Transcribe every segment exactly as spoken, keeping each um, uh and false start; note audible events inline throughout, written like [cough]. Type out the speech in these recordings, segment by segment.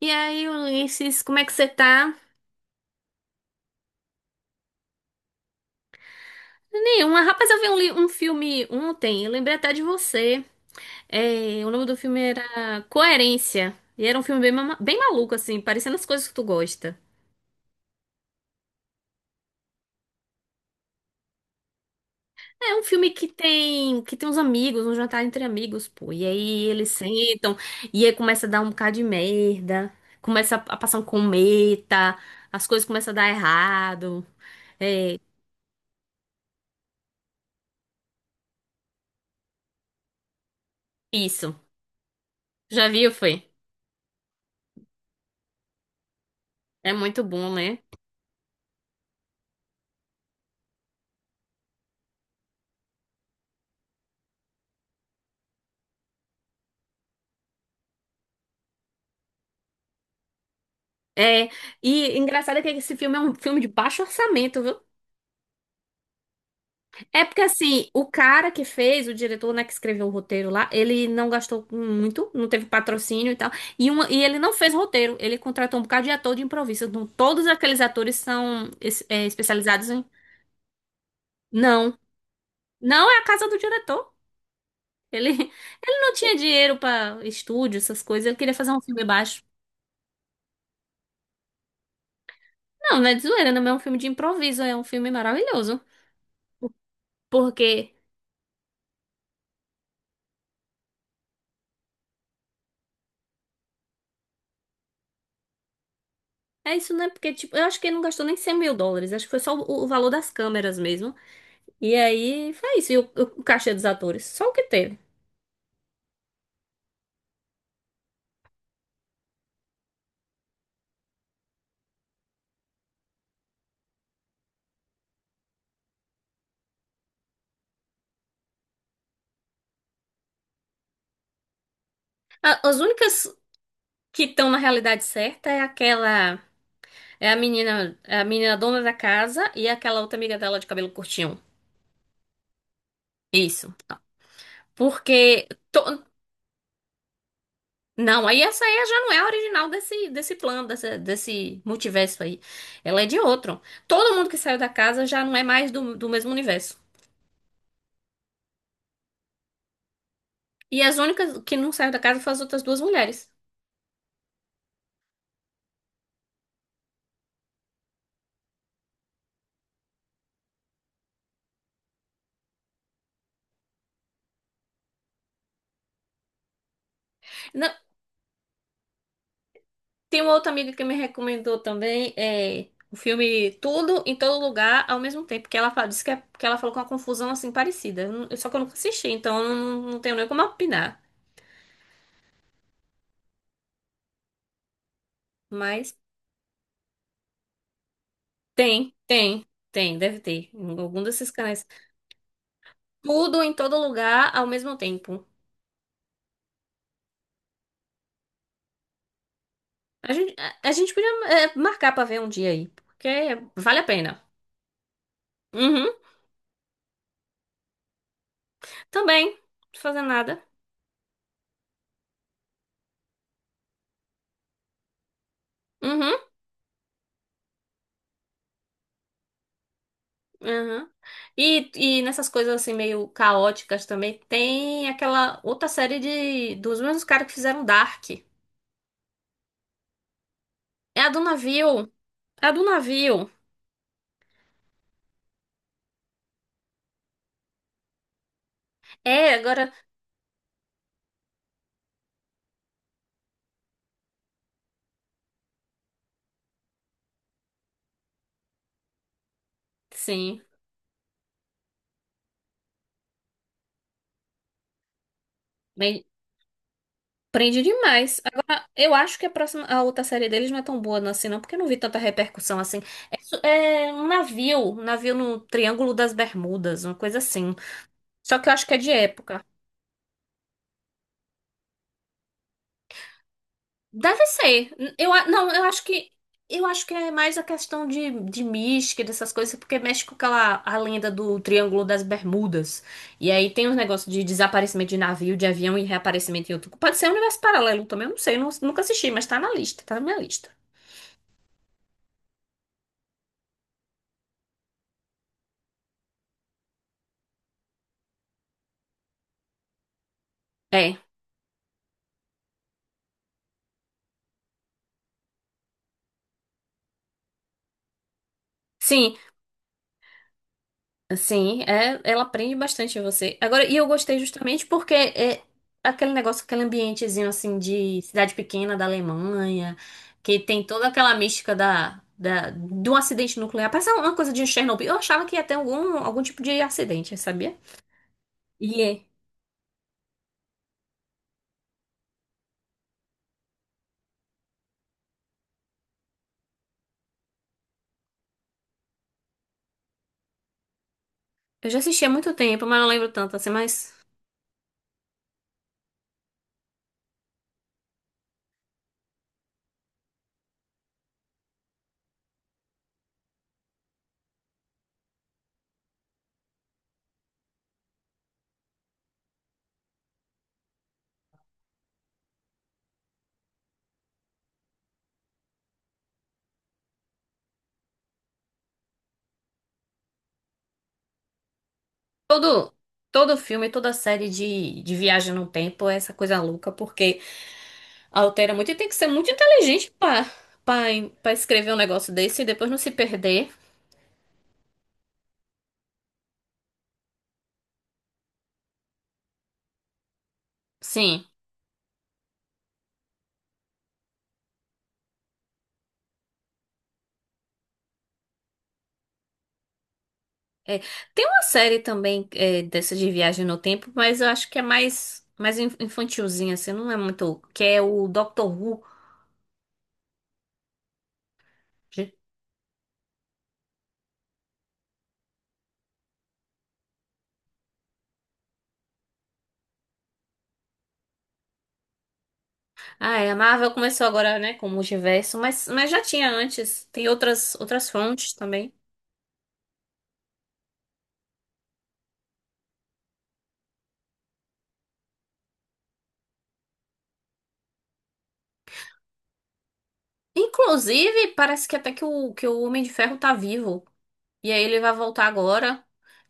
E aí, Ulisses, como é que você tá? Nenhuma. Rapaz, eu vi um, li- um filme ontem, eu lembrei até de você. É, o nome do filme era Coerência. E era um filme bem, ma- bem maluco, assim, parecendo as coisas que tu gosta. É um filme que tem que tem uns amigos, um jantar entre amigos, pô. E aí eles sentam, e aí começa a dar um bocado de merda, começa a passar um cometa, as coisas começam a dar errado. É, isso. Já viu, foi? É muito bom, né? É, e engraçado é que esse filme é um filme de baixo orçamento, viu? É porque assim, o cara que fez, o diretor, né, que escreveu o roteiro lá, ele não gastou muito, não teve patrocínio e tal, e, uma, e ele não fez roteiro, ele contratou um bocado de ator de improviso, então todos aqueles atores são es- é, especializados em... Não, não é a casa do diretor, ele, [laughs] ele não tinha dinheiro pra estúdio, essas coisas, ele queria fazer um filme baixo. Não, não é de zoeira, não é um filme de improviso, é um filme maravilhoso, porque... É isso, né? Porque, tipo, eu acho que ele não gastou nem cem mil dólares. Acho que foi só o, o valor das câmeras mesmo. E aí, foi isso. E o, o cachê dos atores. Só o que teve. A- as únicas que estão na realidade certa é aquela... É a menina, é a menina dona da casa e aquela outra amiga dela de cabelo curtinho. Isso. Porque... to- Não, aí essa aí já não é a original desse, desse plano, dessa- desse multiverso aí. Ela é de outro. Todo mundo que saiu da casa já não é mais do, do mesmo universo. E as únicas que não saíram da casa foram as outras duas mulheres. Na- tem uma outra amiga que me recomendou também é, o filme Tudo em Todo Lugar ao mesmo tempo, que ela fa- disse que, é- que ela falou com uma confusão assim parecida. Eu não- Só que eu nunca assisti, então eu não, não tenho nem como opinar. Mas tem, tem, tem, deve ter. Em algum desses canais. Tudo em Todo Lugar ao mesmo tempo. A gente, a, a gente podia é, marcar pra ver um dia aí, porque vale a pena. Uhum, também, não tô fazendo nada. Uhum. Aham. E, e nessas coisas assim meio caóticas também, tem aquela outra série de dos mesmos caras que fizeram Dark. É a do navio. É a do navio. É, agora sim. Bem, prende demais. Agora, eu acho que a próxima a outra série deles não é tão boa não, assim, não, porque eu não vi tanta repercussão assim. É, su- é um navio, um navio no Triângulo das Bermudas, uma coisa assim. Só que eu acho que é de época. Deve ser. Eu, a- não, eu acho que eu acho que é mais a questão de, de mística, dessas coisas, porque mexe com aquela a lenda do Triângulo das Bermudas. E aí tem os negócios de desaparecimento de navio, de avião e reaparecimento em outro. Pode ser um universo paralelo também, eu não sei, eu nu- nunca assisti, mas tá na lista, tá na minha lista. É. Sim, Sim, é, ela aprende bastante você. Agora, e eu gostei justamente porque é aquele negócio, aquele ambientezinho assim de cidade pequena da Alemanha, que tem toda aquela mística da, da, do acidente nuclear. Parece uma coisa de um Chernobyl. Eu achava que ia ter algum, algum tipo de acidente, sabia? E é, eu já assisti há muito tempo, mas não lembro tanto assim, mas todo, todo filme, toda série de, de viagem no tempo é essa coisa louca, porque altera muito e tem que ser muito inteligente pra para escrever um negócio desse e depois não se perder. Sim. É. Tem uma série também é, dessa de viagem no tempo, mas eu acho que é mais, mais in- infantilzinha, assim, não é muito. Que é o Doctor Who. Ah, é, a Marvel começou agora, né, com o multiverso, mas, mas já tinha antes. Tem outras, outras fontes também. Inclusive, parece que até que o, que o Homem de Ferro tá vivo. E aí ele vai voltar agora.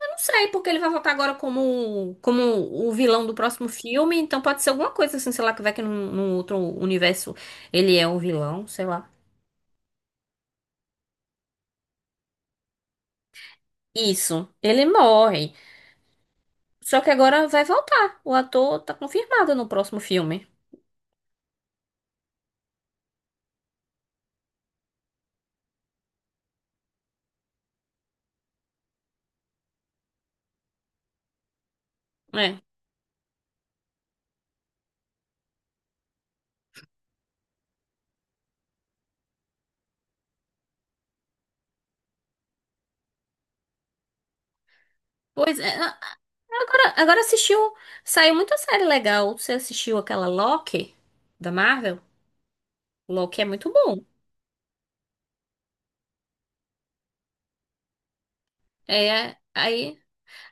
Não sei, porque ele vai voltar agora como, como o vilão do próximo filme, então pode ser alguma coisa assim, sei lá, que vai que num, num outro universo ele é um vilão, sei lá. Isso, ele morre. Só que agora vai voltar. O ator tá confirmado no próximo filme. É. Pois é. a- Agora, agora assistiu. Saiu muita série legal. Você assistiu aquela Loki da Marvel? Loki é muito bom. É, aí,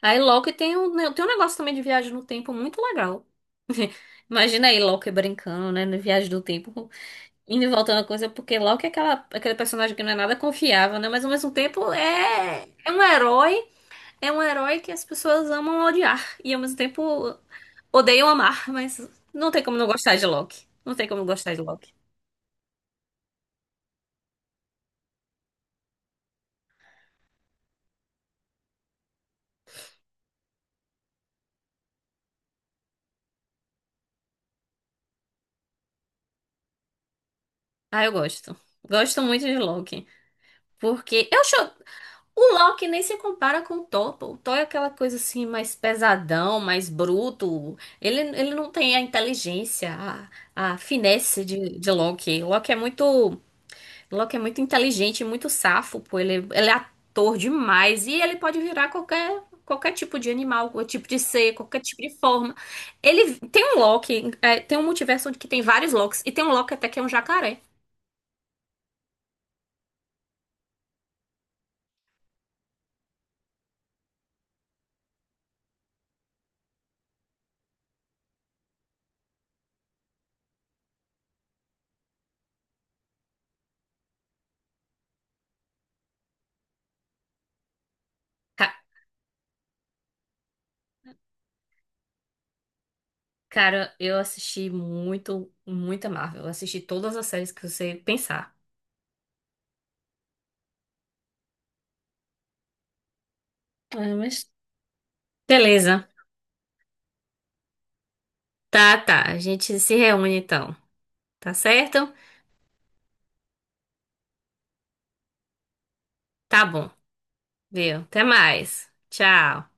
aí Loki tem um, né, tem um negócio também de viagem no tempo muito legal. [laughs] Imagina aí Loki brincando, né, no Viagem do Tempo, indo e voltando a coisa, porque Loki é aquela, aquele personagem que não é nada confiável, né, mas ao mesmo tempo é, é um herói, é um herói que as pessoas amam odiar, e ao mesmo tempo odeiam amar, mas não tem como não gostar de Loki, não tem como não gostar de Loki. Ah, eu gosto, gosto muito de Loki, porque eu choro. O Loki nem se compara com o Thor. Pô. O Thor é aquela coisa assim, mais pesadão, mais bruto. Ele, ele não tem a inteligência, a, a finesse de, de Loki. Loki é muito, Loki é muito inteligente, muito safo, pô. Ele, ele é ator demais e ele pode virar qualquer, qualquer tipo de animal, qualquer tipo de ser, qualquer tipo de forma. Ele tem um Loki, é, tem um multiverso onde que tem vários Lokis e tem um Loki até que é um jacaré. Cara, eu assisti muito, muita Marvel. Eu assisti todas as séries que você pensar. Ah, mas Beleza. Tá, tá. A gente se reúne então. Tá certo? Tá bom. Viu? Até mais. Tchau.